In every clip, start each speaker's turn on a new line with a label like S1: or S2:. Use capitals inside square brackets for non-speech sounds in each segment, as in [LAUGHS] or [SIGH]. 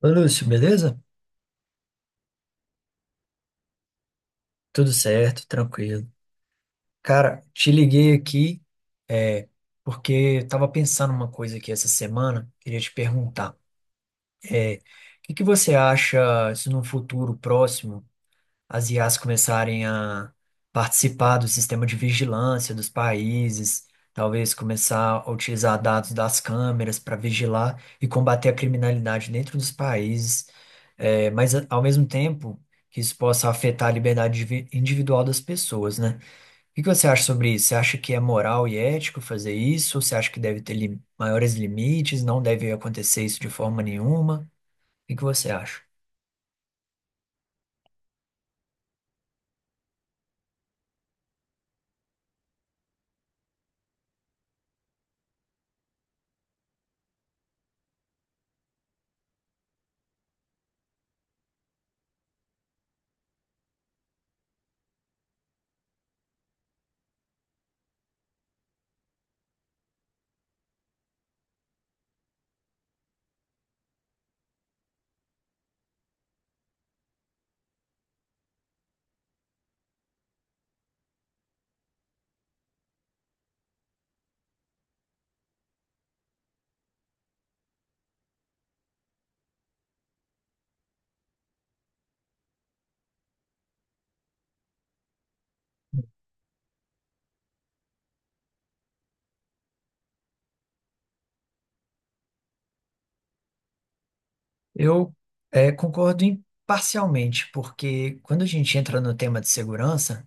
S1: Ô, Lúcio, beleza? Tudo certo, tranquilo. Cara, te liguei aqui, é, porque eu tava pensando uma coisa aqui essa semana, queria te perguntar. O que que você acha se num futuro próximo. As IAs começarem a participar do sistema de vigilância dos países, talvez começar a utilizar dados das câmeras para vigilar e combater a criminalidade dentro dos países, Mas ao mesmo tempo que isso possa afetar a liberdade individual das pessoas, né? O que que você acha sobre isso? Você acha que é moral e ético fazer isso? Você acha que deve ter maiores limites? Não deve acontecer isso de forma nenhuma? O que que você acha? Eu concordo parcialmente, porque quando a gente entra no tema de segurança,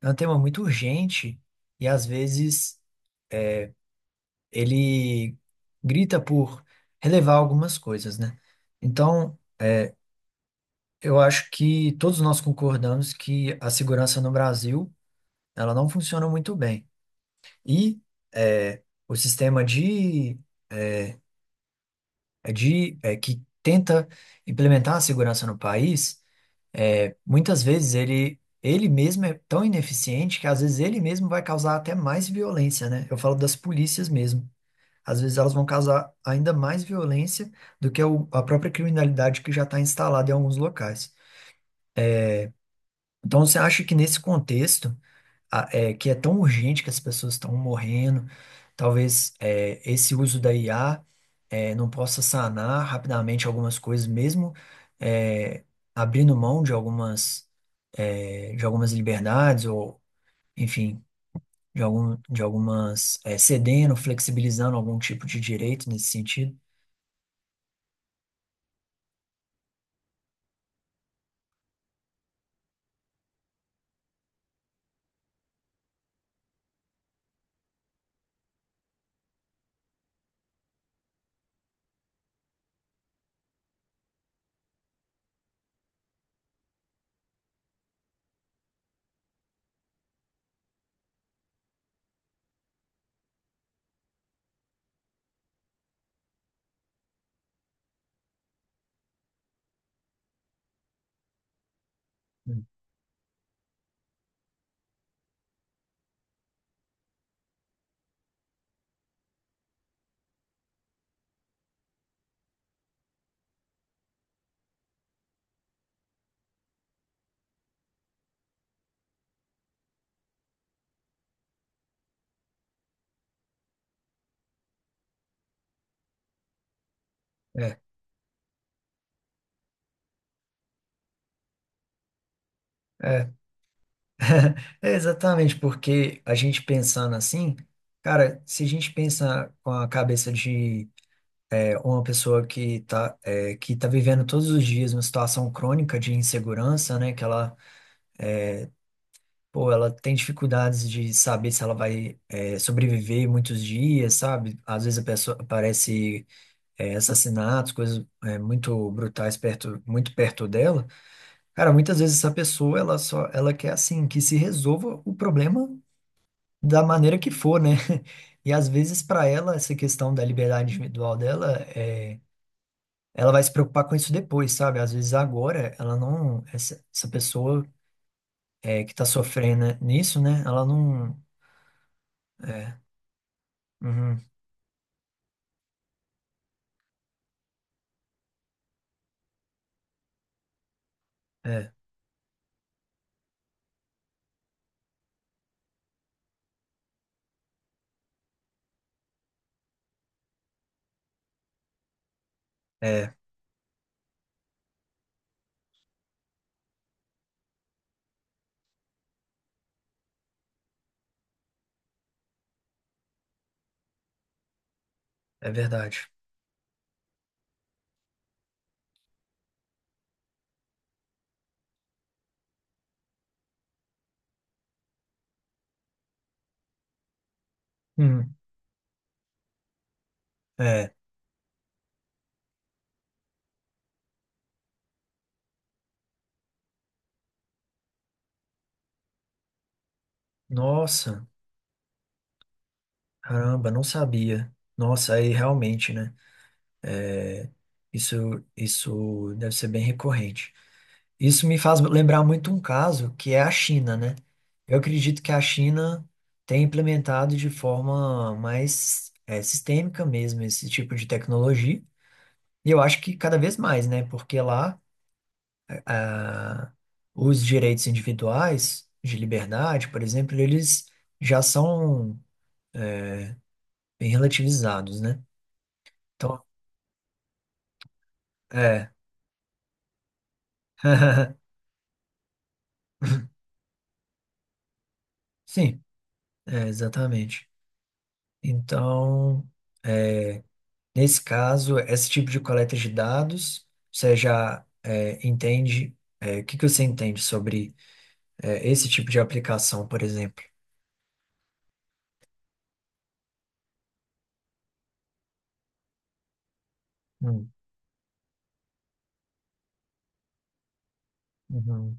S1: é um tema muito urgente e às vezes ele grita por relevar algumas coisas, né? Então, eu acho que todos nós concordamos que a segurança no Brasil, ela não funciona muito bem. E eh, o sistema de, que tenta implementar a segurança no país. Muitas vezes ele, ele mesmo é tão ineficiente que às vezes ele mesmo vai causar até mais violência, né? Eu falo das polícias mesmo. Às vezes elas vão causar ainda mais violência do que a própria criminalidade que já está instalada em alguns locais. Então, você acha que nesse contexto que é tão urgente que as pessoas estão morrendo. Talvez esse uso da IA não possa sanar rapidamente algumas coisas, mesmo é, abrindo mão de algumas, de algumas liberdades, ou, enfim, de algumas, cedendo, flexibilizando algum tipo de direito nesse sentido. Hum. É, é. [LAUGHS] É exatamente, porque a gente pensando assim, cara, se a gente pensa com a cabeça de uma pessoa que tá, que tá vivendo todos os dias uma situação crônica de insegurança, né? Que ela, pô, ela tem dificuldades de saber se ela vai, sobreviver muitos dias, sabe? Às vezes a pessoa aparece, assassinatos, coisas, muito brutais perto, muito perto dela. Cara, muitas vezes essa pessoa, ela só, ela quer, assim, que se resolva o problema da maneira que for, né? [LAUGHS] E às vezes para ela essa questão da liberdade individual dela é ela vai se preocupar com isso depois, sabe? Às vezes agora ela não, essa pessoa que tá sofrendo nisso, né? Ela não, é, uhum, é, é, é, verdade. Hum, é, nossa, caramba, não sabia. Nossa, aí realmente, né? Isso, isso deve ser bem recorrente. Isso me faz lembrar muito um caso que é a China, né? Eu acredito que a China tem implementado de forma mais sistêmica mesmo esse tipo de tecnologia. E eu acho que cada vez mais, né? Porque lá ah, os direitos individuais de liberdade, por exemplo, eles já são bem relativizados, né? Então, é. [LAUGHS] Sim, exatamente. Então, é, nesse caso, esse tipo de coleta de dados, você já entende. O que que você entende sobre esse tipo de aplicação, por exemplo? Hum, uhum,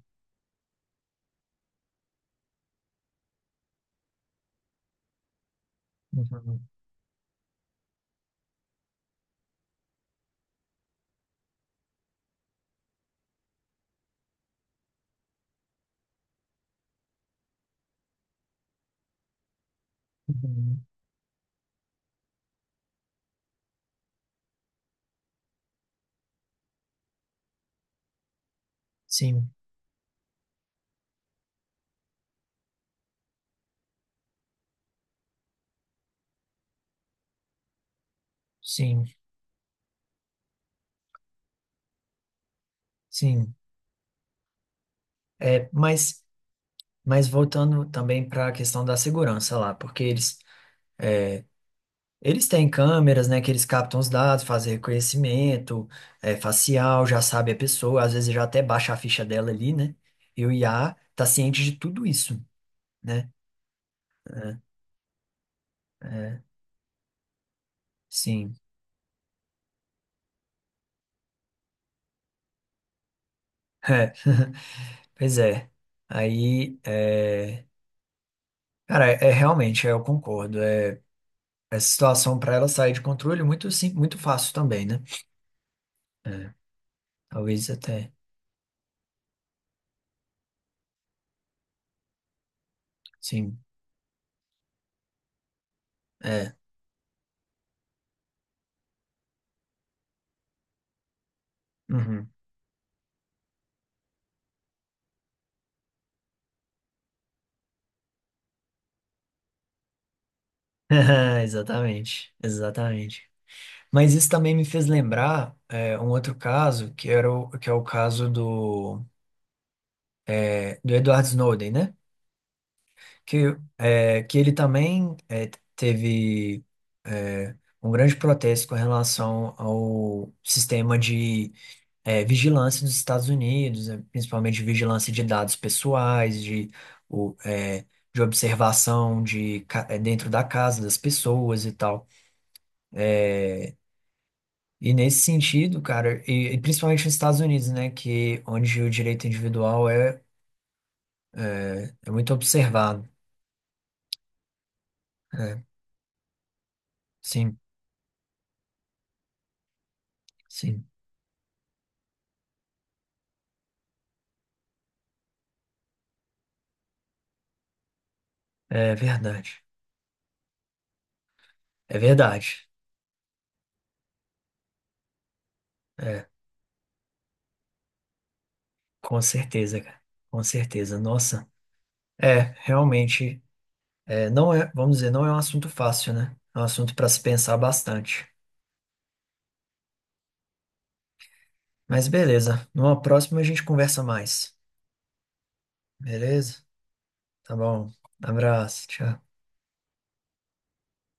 S1: uhum, uhum. Sim, sim, sim. Mas mas, voltando também para a questão da segurança lá, porque eles têm câmeras, né, que eles captam os dados, fazem reconhecimento, facial, já sabe a pessoa, às vezes já até baixa a ficha dela ali, né? E o IA tá ciente de tudo isso, né? É, é, sim. É, [LAUGHS] pois é. Aí, cara, é realmente, eu concordo. Essa situação para ela sair de controle é muito sim, muito fácil também, né? É, Talvez até, sim. É. Uhum. [LAUGHS] Exatamente, exatamente. Mas isso também me fez lembrar um outro caso, que era o, que é o caso do, do Edward Snowden, né? Que, que ele também teve é, um grande protesto com relação ao sistema de vigilância dos Estados Unidos, né? Principalmente de vigilância de dados pessoais, o, é, de observação de, dentro da casa das pessoas e tal. E nesse sentido, cara, e principalmente nos Estados Unidos, né, que onde o direito individual é muito observado. É, sim, sim, é verdade. É verdade. É, com certeza, cara. Com certeza. Nossa, realmente, não é, vamos dizer, não é um assunto fácil, né? É um assunto para se pensar bastante. Mas beleza, numa próxima a gente conversa mais. Beleza? Tá bom. Abraço, tchau.